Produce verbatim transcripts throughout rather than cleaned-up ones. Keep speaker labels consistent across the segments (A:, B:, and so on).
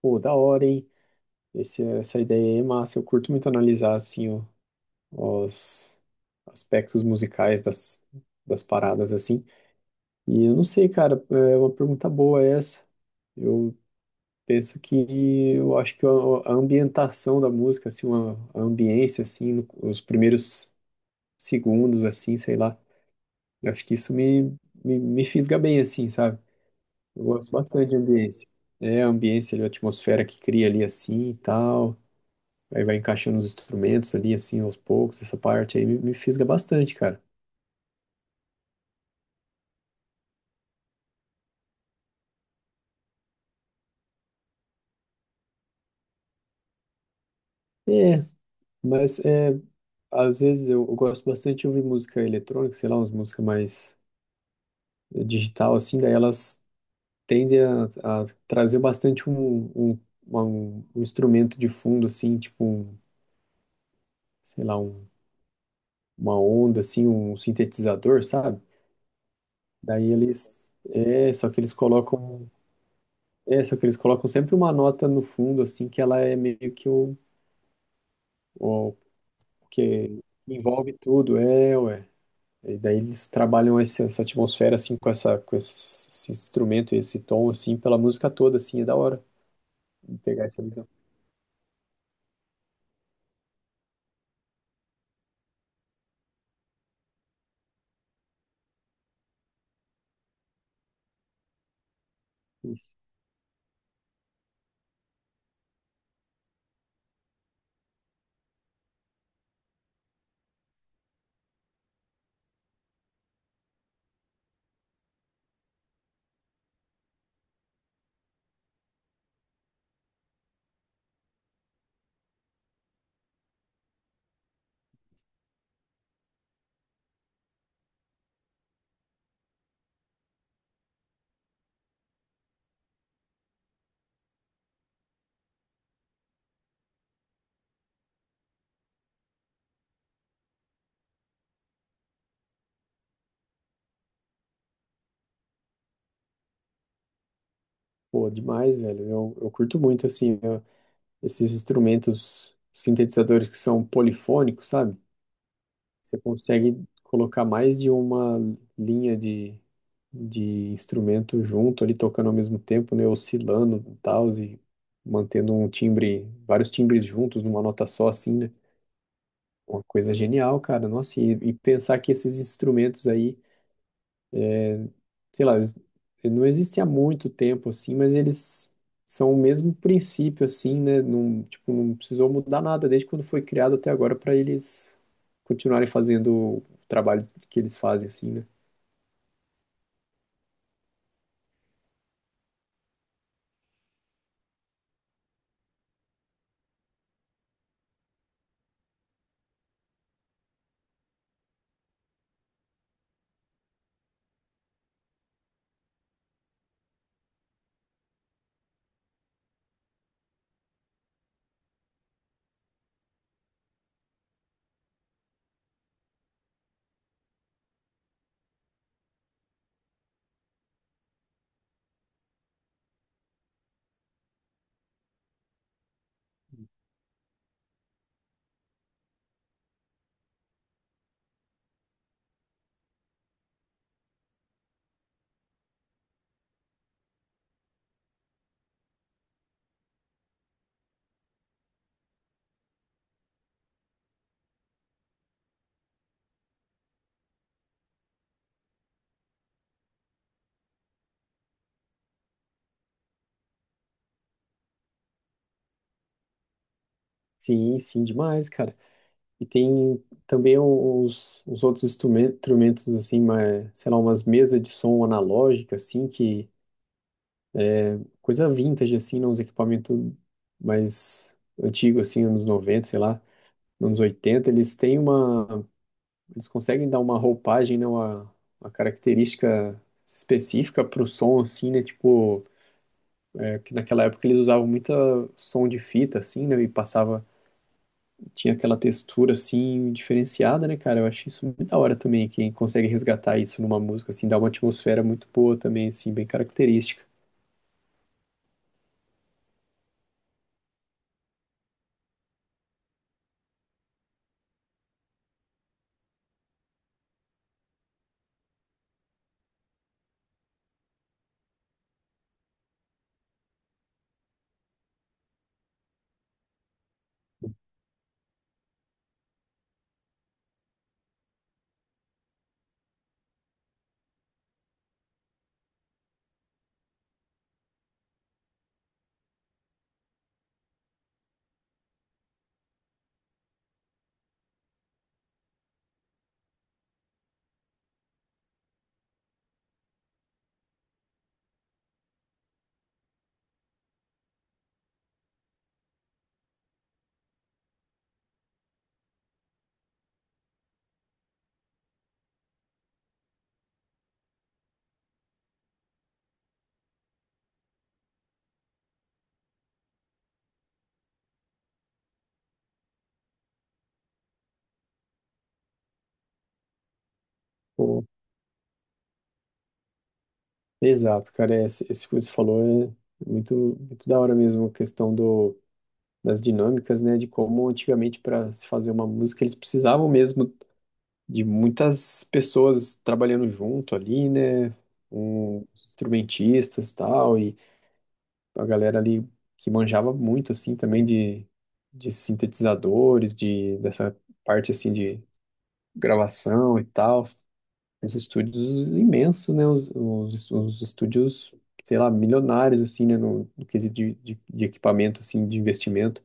A: Pô, da hora, hein? Esse- essa ideia aí é massa. Eu curto muito analisar, assim, o- os aspectos musicais das, das paradas, assim. E eu não sei, cara, é uma pergunta boa essa. Eu penso que, eu acho que a, a ambientação da música, assim, uma, a ambiência, assim, no- os primeiros segundos, assim, sei lá. Eu acho que isso me, me, me fisga bem, assim, sabe? Eu gosto bastante de ambiência. É a ambiência, ali, a atmosfera que cria ali, assim, e tal. Aí vai encaixando os instrumentos ali, assim, aos poucos. Essa parte aí me, me fisga bastante, cara. É, mas é, às vezes eu, eu gosto bastante de ouvir música eletrônica, sei lá, umas músicas mais eh, digital, assim, daí elas tendem a, a trazer bastante um, um, uma- um, um instrumento de fundo, assim, tipo, um, sei lá, um, uma onda, assim, um sintetizador, sabe? Daí eles, é, só que eles colocam, é, só que eles colocam sempre uma nota no fundo, assim, que ela é meio que o, que envolve tudo, é, ué. E daí eles trabalham esse- essa atmosfera, assim, com essa, com esse, esse instrumento, esse tom, assim, pela música toda, assim, é da hora pegar essa visão. Pô, demais, velho. Eu, eu curto muito, assim, eu- esses instrumentos sintetizadores que são polifônicos, sabe? Você consegue colocar mais de uma linha de, de instrumento junto ali, tocando ao mesmo tempo, né? Oscilando e tal, e mantendo um timbre, vários timbres juntos numa nota só, assim, né? Uma coisa genial, cara. Nossa, e, e pensar que esses instrumentos aí, sei lá, eles não existem há muito tempo, assim, mas eles são o mesmo princípio, assim, né? Não, tipo, não precisou mudar nada desde quando foi criado até agora para eles continuarem fazendo o trabalho que eles fazem, assim, né? Sim, sim, demais, cara. E tem também os, os outros instrumen- instrumentos, assim, mas, sei lá, umas mesas de som analógica, assim, que coisa vintage, assim, não, uns equipamentos mais antigos, assim, anos noventa, sei lá, anos oitenta, eles têm uma, eles conseguem dar uma roupagem, né, uma, uma característica específica pro som, assim, né, tipo, é, que naquela época eles usavam muita som de fita, assim, né, e passava, tinha aquela textura, assim, diferenciada, né, cara, eu acho isso muito da hora também, quem consegue resgatar isso numa música, assim, dá uma atmosfera muito boa também, assim, bem característica. Exato, cara, é, esse esse que você falou é muito, muito da hora mesmo, a questão do, das dinâmicas, né, de como antigamente para se fazer uma música eles precisavam mesmo de muitas pessoas trabalhando junto ali, né, um, instrumentistas tal, e a galera ali que manjava muito, assim, também de, de sintetizadores, de, dessa parte, assim, de gravação e tal, os estúdios imensos, né? Os, os, os estúdios, sei lá, milionários, assim, né? No, no quesito de, de, de equipamento, assim, de investimento.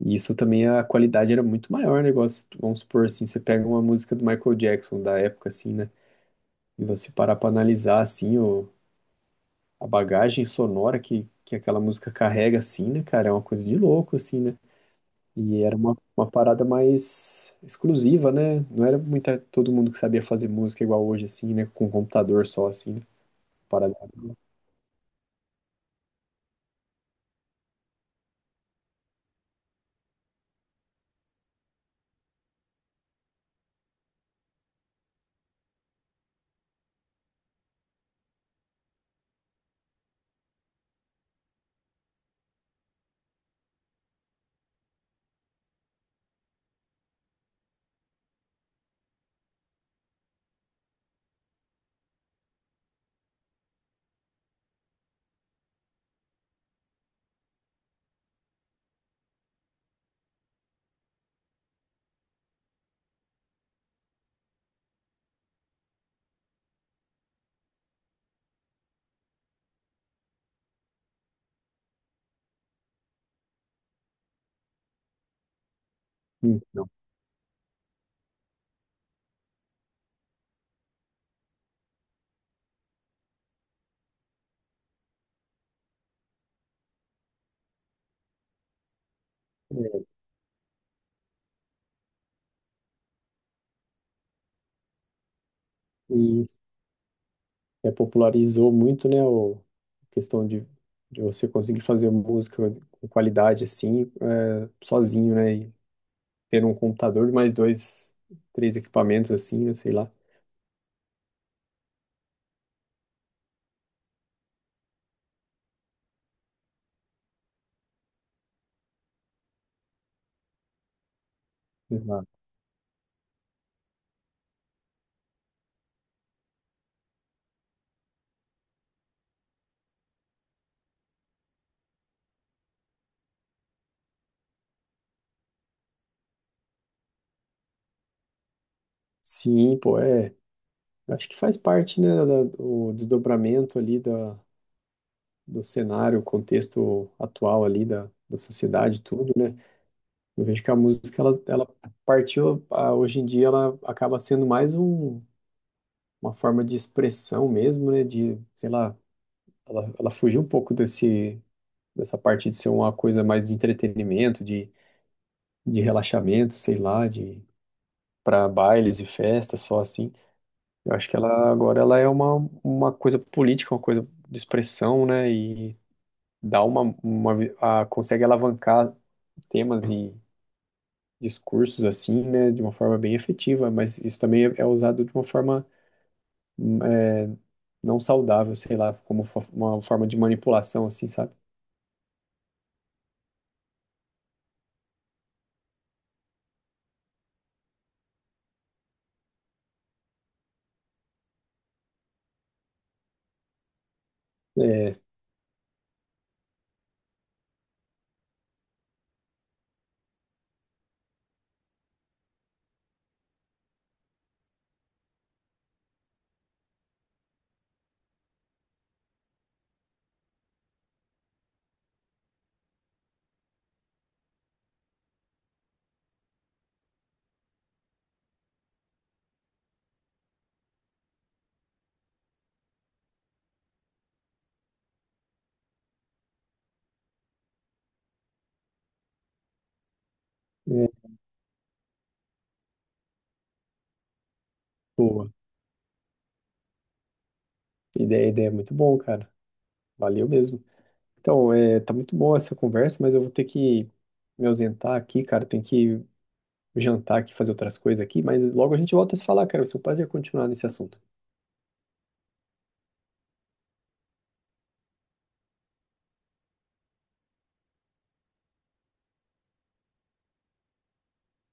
A: E isso também, a qualidade era muito maior, né? Igual, se- vamos supor, assim, você pega uma música do Michael Jackson, da época, assim, né? E você parar pra analisar, assim, o, a bagagem sonora que, que aquela música carrega, assim, né, cara? É uma coisa de louco, assim, né? E era uma, uma parada mais exclusiva, né? Não era muita, todo mundo que sabia fazer música igual hoje, assim, né? Com computador só, assim, né? Parada. Então, é, e é, popularizou muito, né, o, a questão de, de você conseguir fazer música com qualidade assim, é, sozinho, né, e ter um computador, mais dois, três equipamentos assim, né, sei lá. Exato. Sim, pô, é. Eu acho que faz parte, né, da, do desdobramento ali da, do cenário, o contexto atual ali da, da sociedade, e tudo, né? Eu vejo que a música, ela, ela partiu, ah, hoje em dia, ela acaba sendo mais um uma forma de expressão mesmo, né? De, sei lá, ela, ela fugiu um pouco desse, dessa parte de ser uma coisa mais de entretenimento, de, de relaxamento, sei lá, de para bailes e festas, só assim. Eu acho que ela agora ela é uma, uma coisa política, uma coisa de expressão, né? E dá uma, uma vi- a, consegue alavancar temas e discursos assim, né? De uma forma bem efetiva, mas isso também é é usado de uma forma é, não saudável, sei lá, como fo- uma forma de manipulação, assim, sabe? É, é, boa. Ideia, ideia é muito bom, cara. Valeu mesmo. Então, é, tá muito boa essa conversa, mas eu vou ter que me ausentar aqui, cara. Tem que jantar aqui, fazer outras coisas aqui, mas logo a gente volta a se falar, cara. Vai ser um prazer continuar nesse assunto.